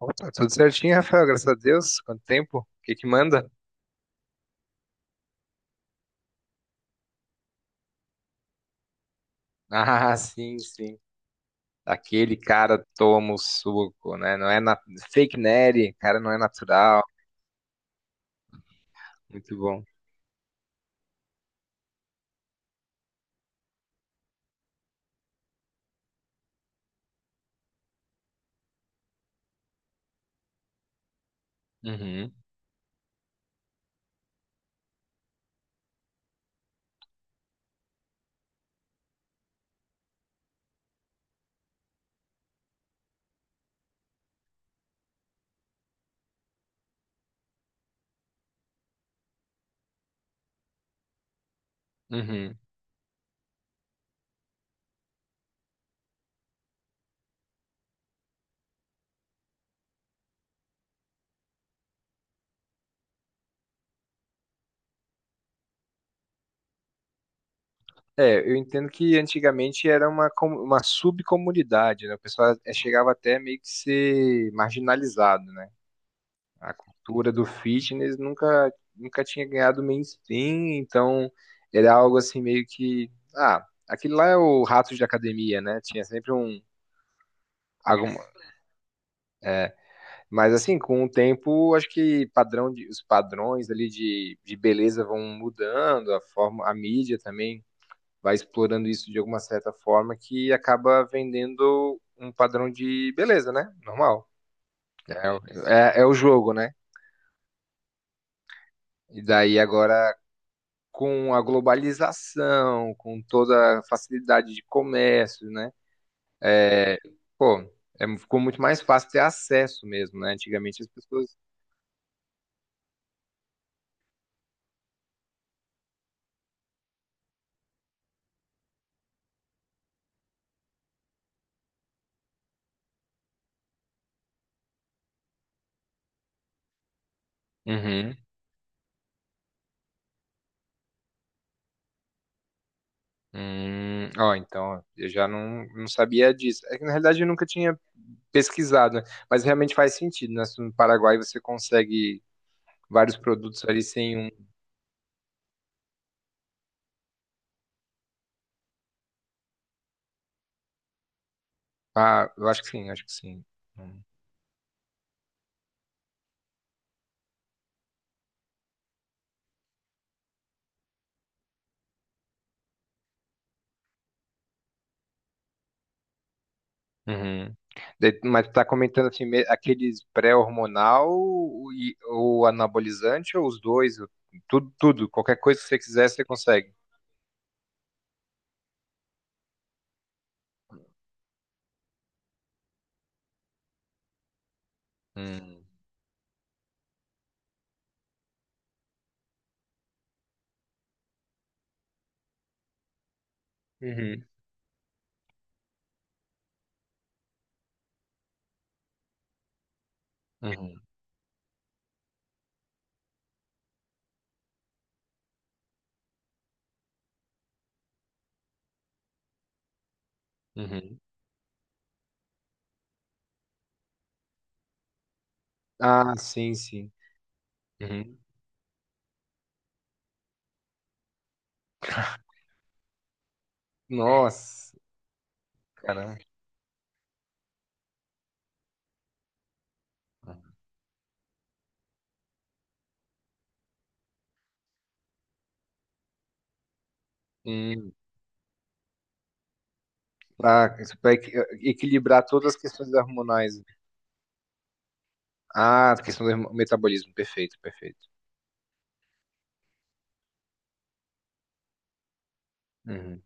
Opa, tudo certinho, Rafael, graças a Deus. Quanto tempo? O que que manda? Ah, sim, sim. Aquele cara toma o suco, né? Não é na... fake nerd, cara não é natural. Muito bom. Uhum, uhum. É, eu entendo que antigamente era uma subcomunidade, né? Chegava até meio que ser marginalizado, né? A cultura do fitness nunca tinha ganhado mainstream, então era algo assim meio que. Ah, aquele lá é o rato de academia, né? Tinha sempre um. Alguma, é, mas assim, com o tempo, acho que os padrões ali de beleza vão mudando, a forma, a mídia também vai explorando isso de alguma certa forma que acaba vendendo um padrão de beleza, né? Normal. É, o- é, é o jogo, né? E daí agora com a globalização, com toda a facilidade de comércio, né? Pô, é, ficou muito mais fácil ter acesso mesmo, né? Antigamente as pessoas. Uhum. Ó, então, eu já não, não sabia disso. É que, na realidade, eu nunca tinha pesquisado, né? Mas realmente faz sentido, né? Se no Paraguai você consegue vários produtos ali sem um. Ah, eu acho que sim, acho que sim. Hum. Uhum. Mas tu tá comentando aqueles pré-hormonal ou anabolizante ou os dois? Ou tudo, tudo, qualquer coisa que você quiser, você consegue. Hum, Uhum. Uhum, uhum, ah, sim, sim. Uhum. Nossa, cara. Hum, pra, isso pra equi- equilibrar todas as questões hormonais. Ah, a questão do hormo- metabolismo. Perfeito, perfeito. Uhum.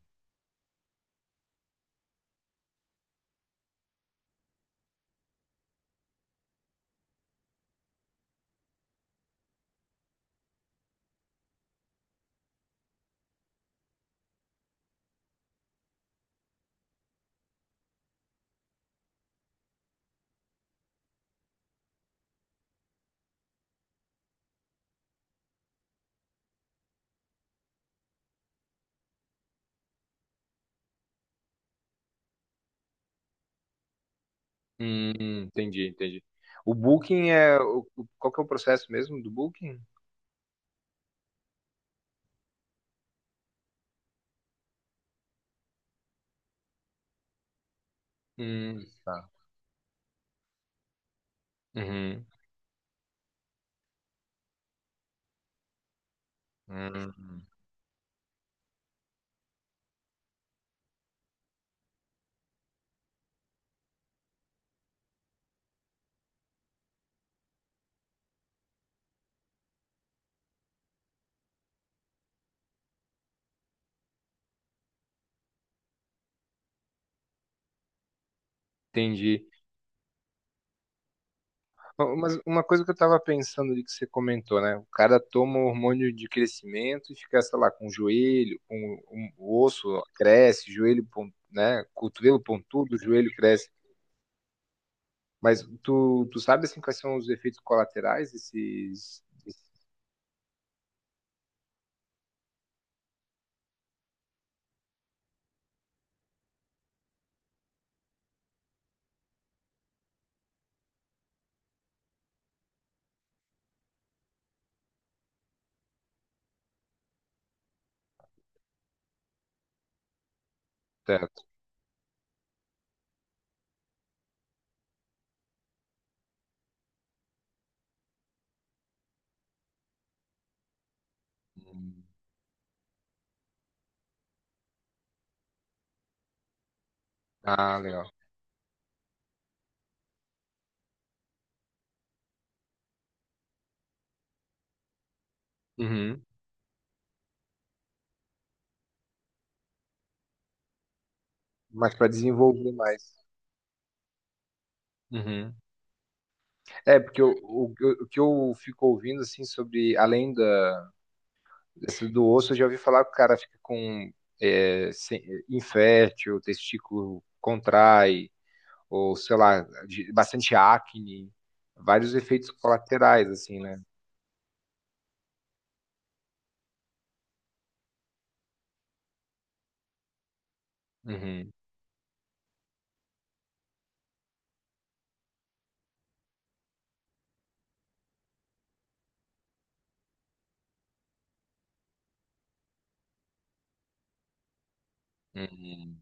Entendi, entendi. O booking é. Qual que é o processo mesmo do booking? Tá. Uhum. Hum, entendi. Ó, mas uma coisa que eu tava pensando ali que você comentou, né? O cara toma o hormônio de crescimento e fica, sei lá, com o joelho, com o osso cresce, né? Cotovelo pontudo, joelho cresce. Mas tu sabe assim quais são os efeitos colaterais desses teto? Hum. Ah, legal. Uhum. Mas para desenvolver mais. Uhum. É, porque o que eu fico ouvindo assim sobre além da. Essa do osso eu já ouvi falar que o cara fica com é, sem- infértil, o testículo contrai, ou sei lá, bastante acne, vários efeitos colaterais, assim, né? Uhum, uhum.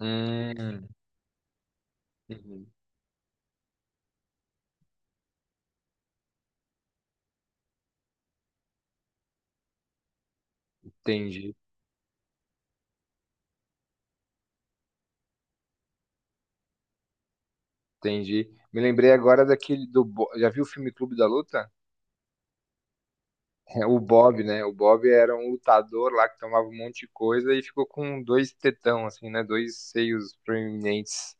Hum, uhum. Entendi, entendi. Me lembrei agora daquele do. Já viu o filme Clube da Luta? É, o Bob, né? O Bob era um lutador lá que tomava um monte de coisa e ficou com dois tetão, assim, né? Dois seios proeminentes.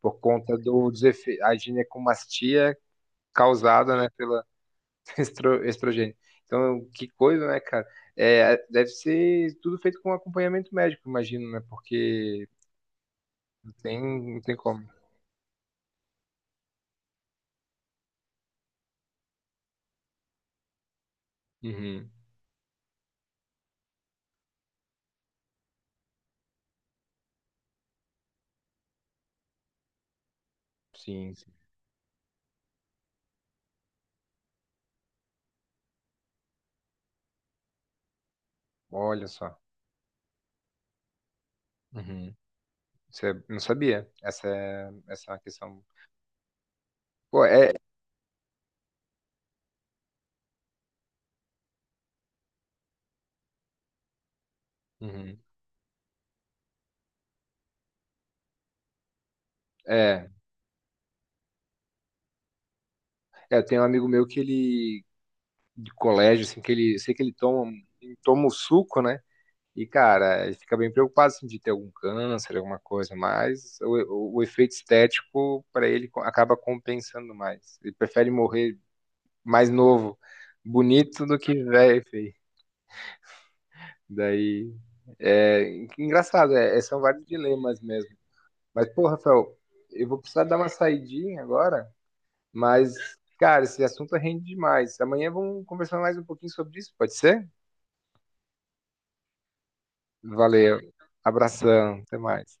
Por conta do desefe- A ginecomastia causada, né, pela estrogênio. Então, que coisa, né, cara? É, deve ser tudo feito com acompanhamento médico, imagino, né? Porque não tem, não tem como. Uhum. Sim, sim. Olha só. Uhum. Isso é- não sabia. Essa é uma questão. Pô, é. Uhum. É. É, tem um amigo meu de colégio, assim, que ele, sei que ele toma o suco, né? E, cara, ele fica bem preocupado assim, de ter algum câncer, alguma coisa, mas o efeito estético para ele acaba compensando mais. Ele prefere morrer mais novo, bonito, do que velho, e feio. Daí, é engraçado, são vários dilemas mesmo. Mas, pô, Rafael, eu vou precisar dar uma saidinha agora, mas, cara, esse assunto rende demais. Amanhã vamos conversar mais um pouquinho sobre isso, pode ser? Valeu, abração, até mais.